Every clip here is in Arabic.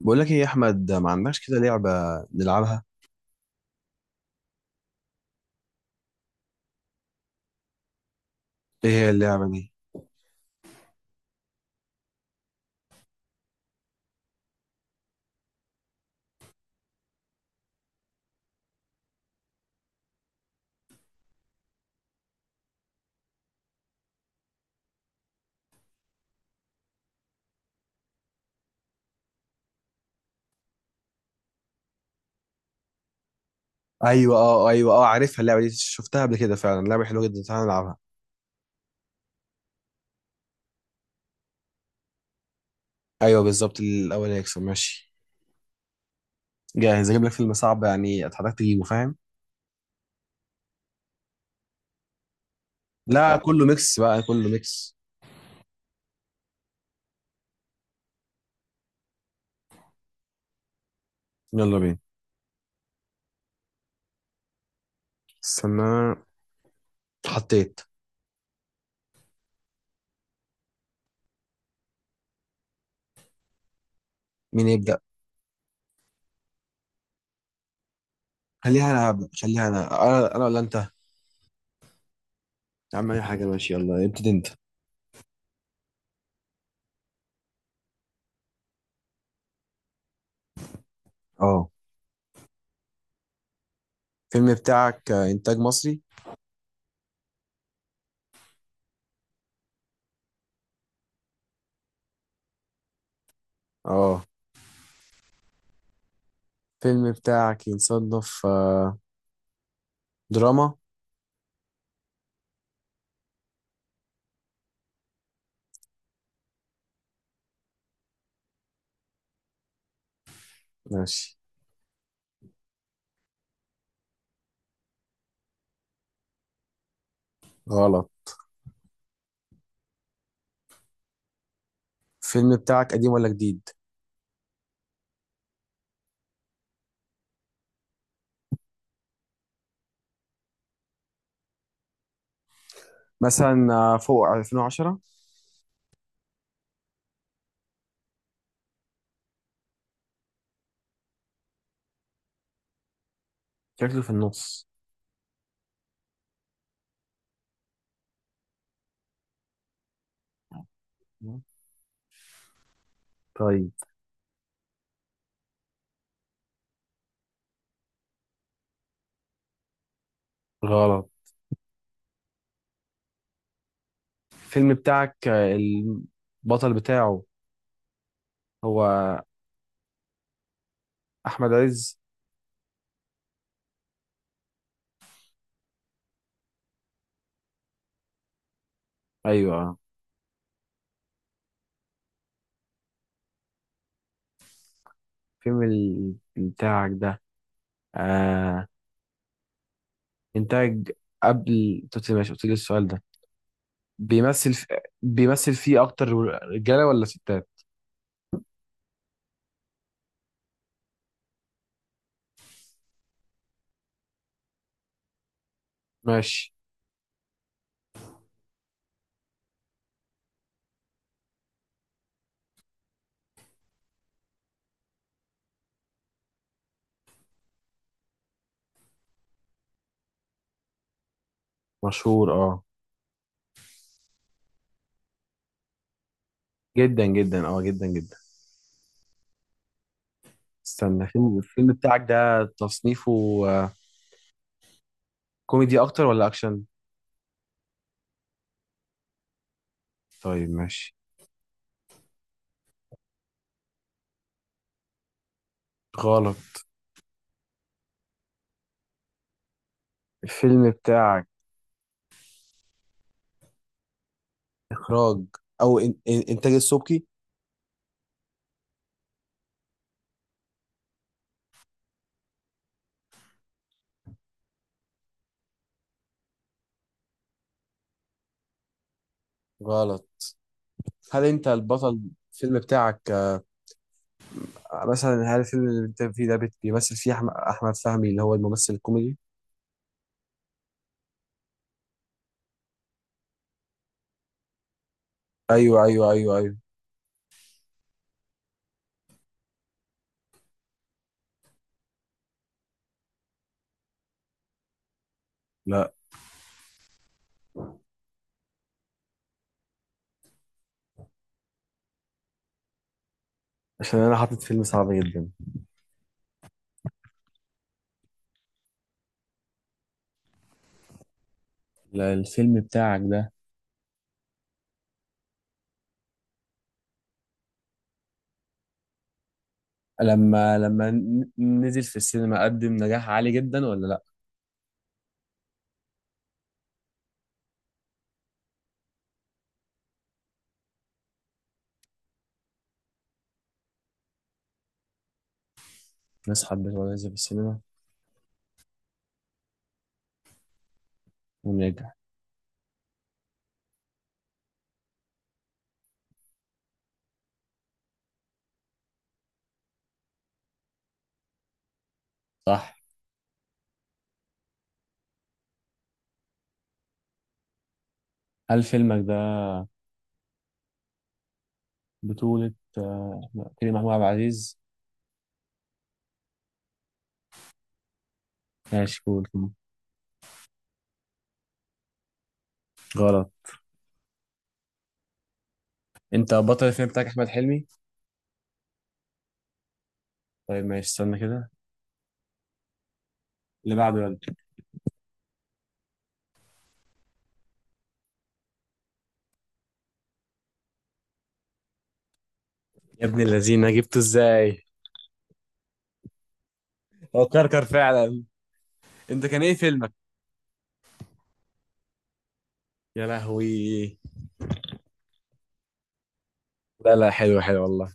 بقول لك ايه يا احمد، ما عندكش كده لعبه نلعبها؟ ايه هي اللعبه دي؟ ايوه، اه، ايوه، اه، عارفها اللعبه دي، شفتها قبل كده فعلا، لعبه حلوه جدا، تعالى نلعبها. ايوه بالظبط، الاول هيكسب، ماشي. جاهز؟ اجيب لك فيلم صعب يعني، اتحداك تجيبه، فاهم؟ لا لا، كله ميكس بقى، كله ميكس. يلا بينا. استنى، حطيت. مين يبدا؟ خليها انا هبدا، خليها انا ولا انت؟ يا عم اي حاجه، ماشي، يلا ابتدي انت. اه. الفيلم بتاعك انتاج مصري؟ اه. الفيلم بتاعك ينصنف دراما، ماشي. غلط. الفيلم بتاعك قديم ولا جديد؟ مثلا فوق 2010. شكله في النص، طيب. غلط. الفيلم بتاعك البطل بتاعه هو أحمد عز؟ أيوة. الفيلم بتاعك ده آه إنتاج، قبل توتي ماشي قلت لي السؤال ده. بيمثل في... بيمثل فيه أكتر رجالة ولا ستات؟ ماشي. مشهور، اه، جدا جدا، اه، جدا جدا. استنى. الفيلم بتاعك ده تصنيفه آه، كوميدي اكتر ولا اكشن؟ طيب ماشي. غلط. الفيلم بتاعك اخراج او إن انتاج السبكي؟ غلط. هل انت البطل؟ الفيلم بتاعك مثلا، هل الفيلم اللي انت فيه ده بيمثل فيه احمد فهمي اللي هو الممثل الكوميدي؟ ايوه، ايوه، ايوه، ايوه. لا. عشان انا حاطط فيلم صعب جدا. لا، الفيلم بتاعك ده لما نزل في السينما قدم نجاح عالي جدا ولا لا؟ ناس حبته ولا نزل في السينما ونجح؟ صح. هل فيلمك ده بطولة لا، كريم محمود عبد العزيز؟ ماشي قول. غلط. انت بطل الفيلم بتاعك احمد حلمي؟ طيب ماشي، استنى كده، اللي بعده يلا. يا ابن اللذينه جبته ازاي؟ هو كركر فعلا. انت كان ايه فيلمك؟ يا لهوي. لا لا، حلو حلو والله.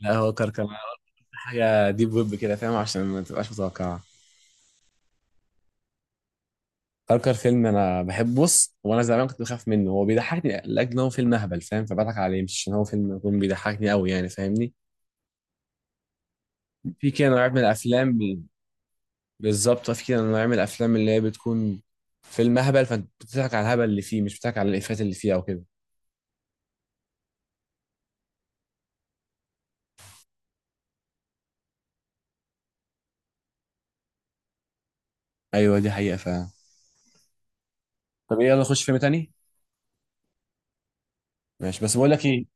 لا هو كركر أنا قلت حاجه ديب ويب كده، فاهم؟ عشان ما تبقاش متوقعه. كركر فيلم انا بحب، بص وانا زمان كنت بخاف منه، هو بيضحكني لاجل ان هو فيلم اهبل، فاهم؟ فبضحك عليه مش عشان هو فيلم يكون بيضحكني قوي يعني، فاهمني؟ في كده نوع من الافلام. بالظبط، في كده نوع من الافلام اللي هي بتكون فيلم هبل، فانت بتضحك على الهبل اللي فيه، مش بتضحك على الافيهات اللي فيه او كده. ايوه دي حقيقه فعلا. طب يلا نخش فيلم تاني. ماشي، بس بقول لك ايه،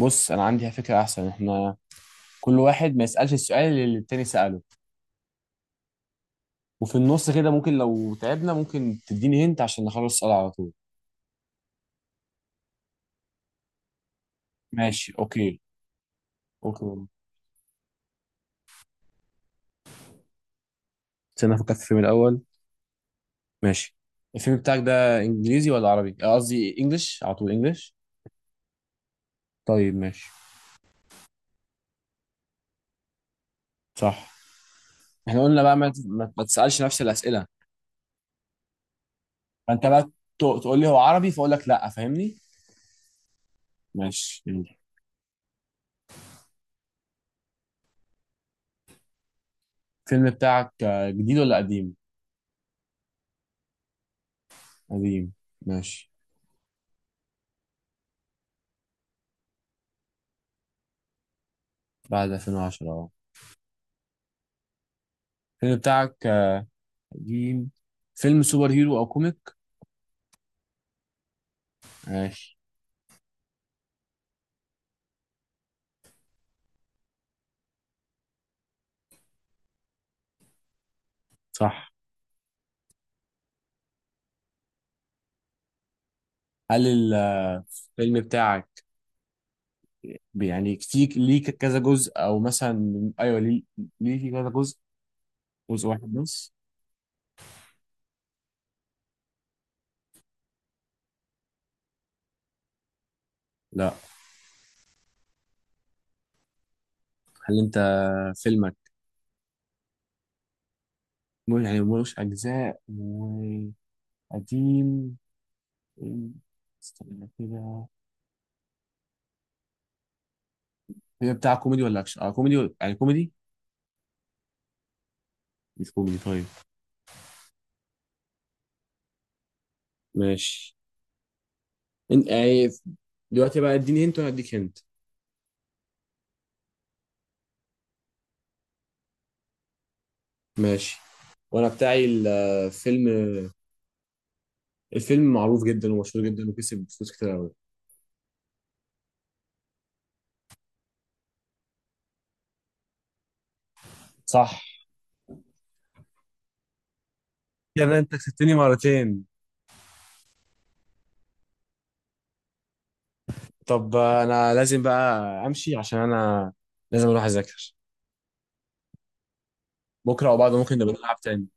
بص انا عندي فكره احسن، احنا كل واحد ما يسالش السؤال اللي التاني ساله. وفي النص كده ممكن لو تعبنا ممكن تديني هنت عشان نخلص السؤال على طول. ماشي، اوكي، اوكي. استنى افكر في الفيلم الاول. ماشي. الفيلم بتاعك ده انجليزي ولا عربي، قصدي انجلش على طول، انجلش؟ طيب ماشي. صح. احنا قلنا بقى ما ت- ما ما تسألش نفس الأسئلة. فأنت بقى تقول لي هو عربي فأقول لك لأ، فاهمني؟ ماشي يلا. الفيلم بتاعك جديد ولا قديم؟ قديم، ماشي. بعد 2010، اه. الفيلم بتاعك قديم، فيلم سوبر هيرو أو كوميك؟ ماشي. صح. هل الفيلم بتاعك يعني كتير، ليه كذا جزء أو مثلا، أيوه ليه، ليه في كذا جزء؟ جزء واحد بس. لا. هل أنت فيلمك يعني ملوش أجزاء، قديم، إيه، استنى كده، هي بتاع كوميدي ولا اكشن، اه كوميدي يعني كوميدي؟ مش كوميدي، طيب ماشي. انت يعني دلوقتي بقى اديني هنت وانا اديك هنت. ماشي، وانا بتاعي الفيلم، الفيلم معروف جدا ومشهور جدا وكسب فلوس كتير قوي. صح. يعني انت كسبتني مرتين. طب انا لازم بقى امشي، عشان انا لازم اروح اذاكر. بكره او بعده ممكن نبقى نلعب تاني.